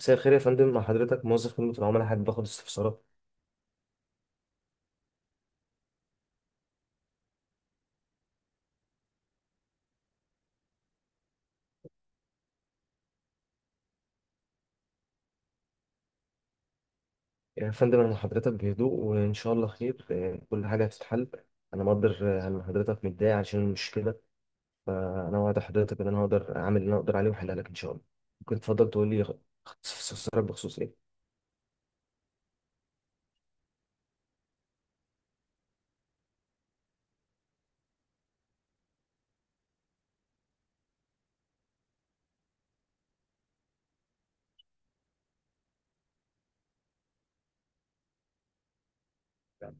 مساء الخير يا فندم، مع حضرتك موظف خدمة العملاء، حابب باخد استفسارات. يعني يا فندم انا مع حضرتك بهدوء وان شاء الله خير، كل حاجة هتتحل. انا مقدر ان حضرتك متضايق عشان المشكلة، فانا وعد حضرتك ان انا هقدر اعمل اللي انا اقدر عليه واحلها لك ان شاء الله. ممكن تفضل تقول لي استفسارك بخصوص ايه؟ آه،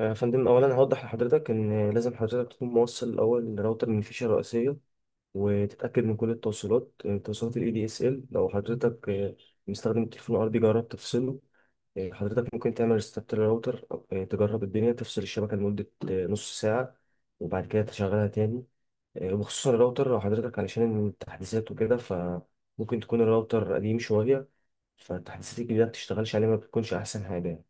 يا فندم، اولا هوضح لحضرتك ان لازم حضرتك تكون موصل الاول لراوتر من الفيشه الرئيسيه، وتتاكد من كل التوصيلات، توصيلات الاي دي اس ال. لو حضرتك مستخدم التليفون الارضي، جرب تفصله. حضرتك ممكن تعمل ريستارت للراوتر. تجرب الدنيا، تفصل الشبكة لمدة نص ساعة، وبعد كده تشغلها تاني. وخصوصا الراوتر، لو حضرتك علشان التحديثات وكده، فممكن تكون الراوتر قديم شوية، فالتحديثات الجديدة ما بتشتغلش عليه، ما بتكونش أحسن حاجة.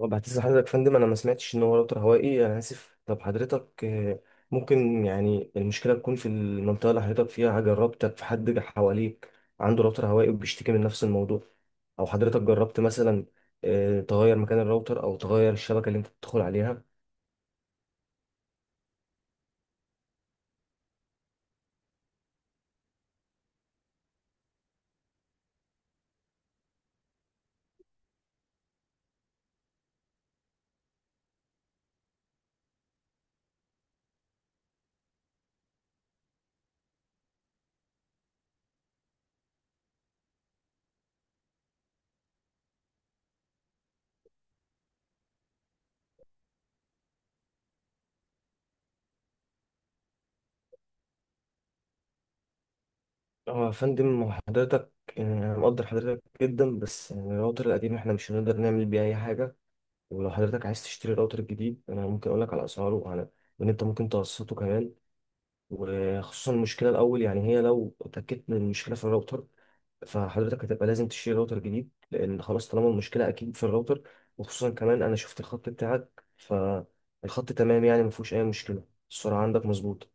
طب هتسأل حضرتك يا فندم، انا ما سمعتش ان هو راوتر هوائي، انا اسف. طب حضرتك ممكن يعني المشكله تكون في المنطقه اللي حضرتك فيها، جربتك في حد جه حواليك عنده راوتر هوائي وبيشتكي من نفس الموضوع؟ او حضرتك جربت مثلا تغير مكان الراوتر او تغير الشبكه اللي انت بتدخل عليها؟ اه يا فندم، هو حضرتك انا مقدر حضرتك جدا، بس يعني الراوتر القديم احنا مش هنقدر نعمل بيه اي حاجه. ولو حضرتك عايز تشتري راوتر جديد، انا ممكن اقول لك على اسعاره، وعلى وان انت ممكن تقسطه كمان. وخصوصا المشكله الاول يعني، هي لو اتاكدت من المشكله في الراوتر، فحضرتك هتبقى لازم تشتري راوتر جديد، لان خلاص طالما المشكله اكيد في الراوتر. وخصوصا كمان انا شفت الخط بتاعك، فالخط تمام، يعني ما فيهوش اي مشكله، السرعه عندك مظبوطه.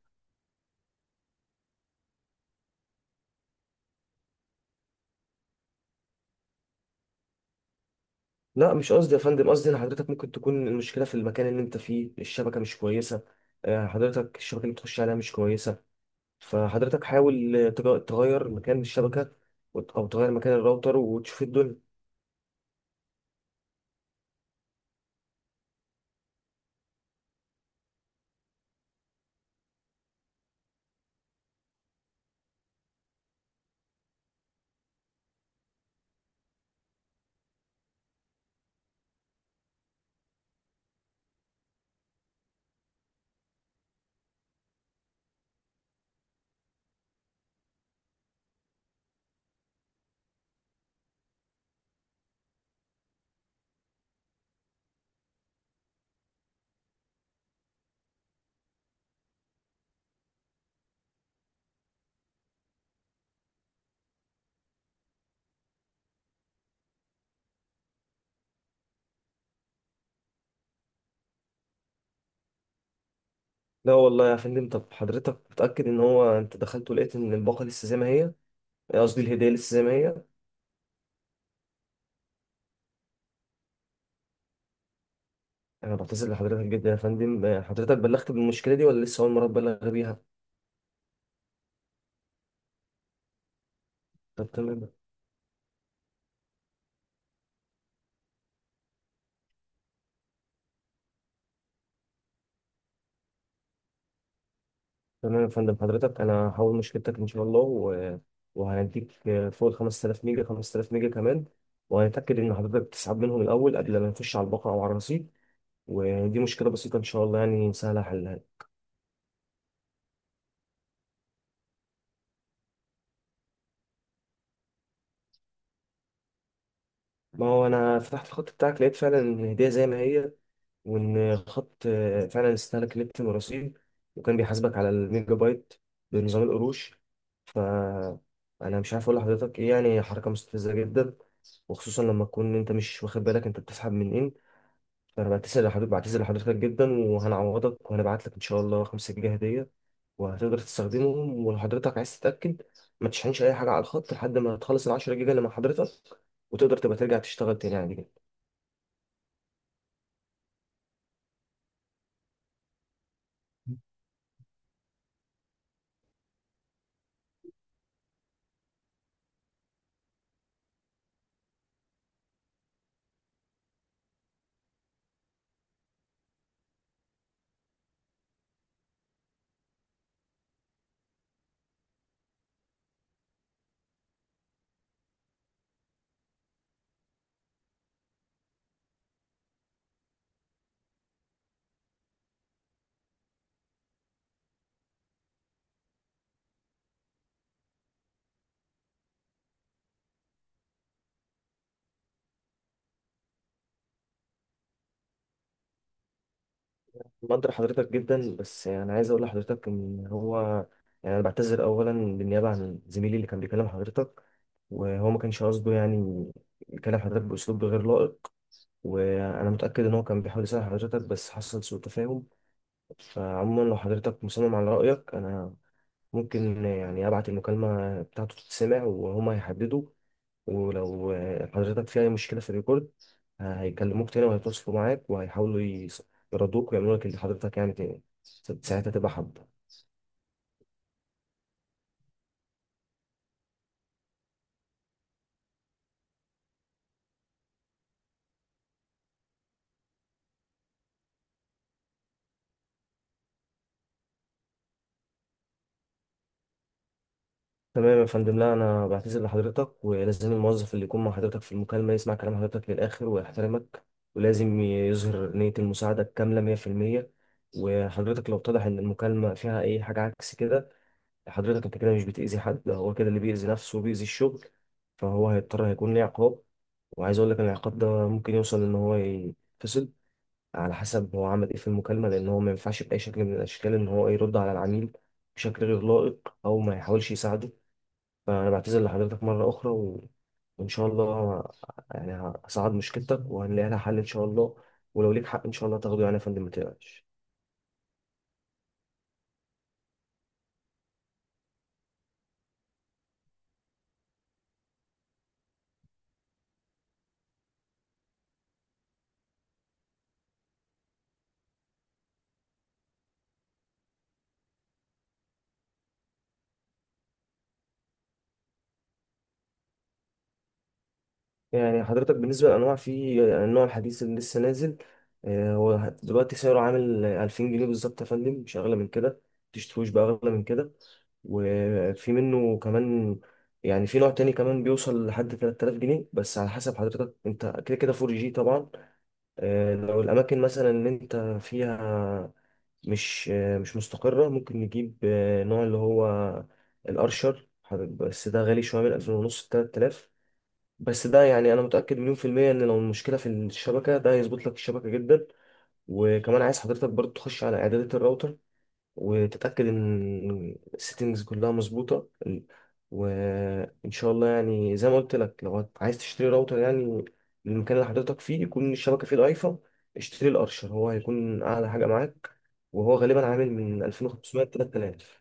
لا مش قصدي يا فندم، قصدي ان حضرتك ممكن تكون المشكله في المكان اللي انت فيه، الشبكه مش كويسه. حضرتك الشبكه اللي بتخش عليها مش كويسه، فحضرتك حاول تغير مكان الشبكه، او تغير مكان الراوتر وتشوف الدنيا. لا والله يا فندم، طب حضرتك متأكد ان هو انت دخلت ولقيت ان الباقة لسه زي ما هي؟ قصدي الهدية لسه زي ما هي. انا بعتذر لحضرتك جدا يا فندم، حضرتك بلغت بالمشكلة دي ولا لسه اول مرة تبلغ بيها؟ طب تمام. تمام يا فندم، حضرتك انا هحاول مشكلتك ان شاء الله وهنديك فوق ال 5000 ميجا 5000 ميجا كمان، وهنتأكد ان حضرتك تسحب منهم الاول قبل ما نخش على الباقة او على الرصيد. ودي مشكلة بسيطة ان شاء الله، يعني سهلة حلها. ما هو انا فتحت الخط بتاعك، لقيت فعلا ان الهدية زي ما هي، وان خط فعلا استهلك نت مراسيل، وكان بيحاسبك على الميجا بايت بنظام القروش. ف انا مش عارف اقول لحضرتك ايه، يعني حركه مستفزه جدا، وخصوصا لما تكون انت مش واخد بالك انت بتسحب من ايه. فانا بعتذر لحضرتك، بعتذر لحضرتك جدا، وهنعوضك وهنبعت لك ان شاء الله 5 جنيه هديه، وهتقدر تستخدمهم. ولو حضرتك عايز تتاكد، ما تشحنش اي حاجه على الخط لحد ما تخلص ال 10 جيجا اللي مع حضرتك، وتقدر تبقى ترجع تشتغل تاني عادي جدا. بقدر حضرتك جدا، بس يعني عايز اقول لحضرتك ان هو يعني انا بعتذر اولا بالنيابه عن زميلي اللي كان بيكلم حضرتك، وهو ما كانش قصده يعني يكلم حضرتك باسلوب غير لائق، وانا متاكد ان هو كان بيحاول يساعد حضرتك بس حصل سوء تفاهم. فعموما لو حضرتك مصمم على رايك، انا ممكن يعني ابعت المكالمه بتاعته تتسمع، وهما هيحددوا. ولو حضرتك في أي مشكلة في الريكورد، هيكلموك تاني وهيتواصلوا معاك، وهيحاولوا يردوك ويعملوا لك اللي حضرتك يعني تاني ساعتها، تبقى حد. تمام يا فندم، لا أنا بعتذر لحضرتك، ولازم الموظف اللي يكون مع حضرتك في المكالمة يسمع كلام حضرتك للآخر ويحترمك، ولازم يظهر نية المساعدة الكاملة 100%. وحضرتك لو اتضح إن المكالمة فيها أي حاجة عكس كده، حضرتك أنت كده مش بتأذي حد، ده هو كده اللي بيأذي نفسه وبيأذي الشغل، فهو هيضطر هيكون ليه عقاب. وعايز اقول لك ان العقاب ده ممكن يوصل ان هو يتفصل، على حسب هو عمل ايه في المكالمه، لان هو ما ينفعش باي شكل من الاشكال ان هو يرد على العميل بشكل غير لائق او ما يحاولش يساعده. فانا بعتذر لحضرتك مره اخرى وان شاء الله يعني هصعد مشكلتك وهنلاقي لها حل ان شاء الله، ولو ليك حق ان شاء الله تاخده، يعني يا فندم ما تقلقش. يعني حضرتك بالنسبة للأنواع، في النوع الحديث اللي لسه نازل، هو دلوقتي سعره عامل 2000 جنيه بالظبط يا فندم، مش أغلى من كده، متشتروش بأغلى من كده. وفي منه كمان، يعني في نوع تاني كمان بيوصل لحد 3000 جنيه، بس على حسب حضرتك انت كده كده 4 جي طبعا. لو الأماكن مثلا اللي انت فيها مش مش مستقرة، ممكن نجيب نوع اللي هو الأرشر بس ده غالي شوية، من 2500 ونص لتلات آلاف. بس ده يعني انا متاكد مليون في الميه ان لو المشكله في الشبكه، ده هيظبط لك الشبكه جدا. وكمان عايز حضرتك برضو تخش على اعدادات الراوتر، وتتاكد ان السيتنجز كلها مظبوطه. وان شاء الله يعني زي ما قلت لك، لو عايز تشتري راوتر يعني للمكان اللي حضرتك فيه يكون الشبكه فيه ضعيفه، اشتري الارشر، هو هيكون اعلى حاجه معاك، وهو غالبا عامل من 2500 ل 3000.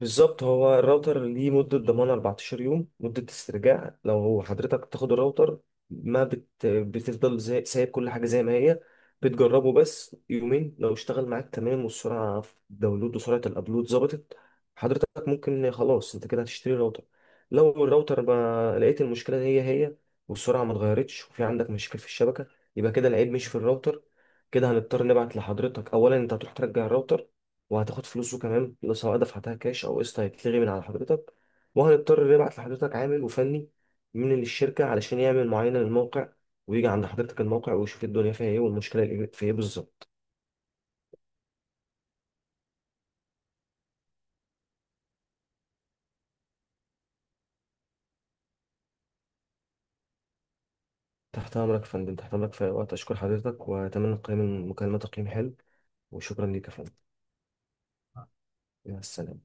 بالظبط، هو الراوتر ليه مدة ضمان 14 يوم، مدة استرجاع. لو حضرتك تاخد الراوتر، ما بت... بتفضل سايب كل حاجة زي ما هي، بتجربه بس يومين. لو اشتغل معاك تمام، والسرعة في الداونلود وسرعة الابلود ظبطت، حضرتك ممكن خلاص انت كده هتشتري راوتر. لو الراوتر ما لقيت المشكلة هي هي، والسرعة ما اتغيرتش، وفي عندك مشاكل في الشبكة، يبقى كده العيب مش في الراوتر. كده هنضطر نبعت لحضرتك، اولا انت هتروح ترجع الراوتر، وهتاخد فلوسه، كمان فلوس سواء دفعتها كاش او قسط هيتلغي من على حضرتك. وهنضطر نبعت لحضرتك عامل وفني من الشركة علشان يعمل معاينة للموقع، ويجي عند حضرتك الموقع ويشوف الدنيا فيها ايه والمشكلة اللي في ايه بالظبط. تحت امرك يا فندم، تحت امرك في أي وقت. اشكر حضرتك واتمنى القيام المكالمة تقييم حلو، وشكرا ليك يا فندم. مع السلامة.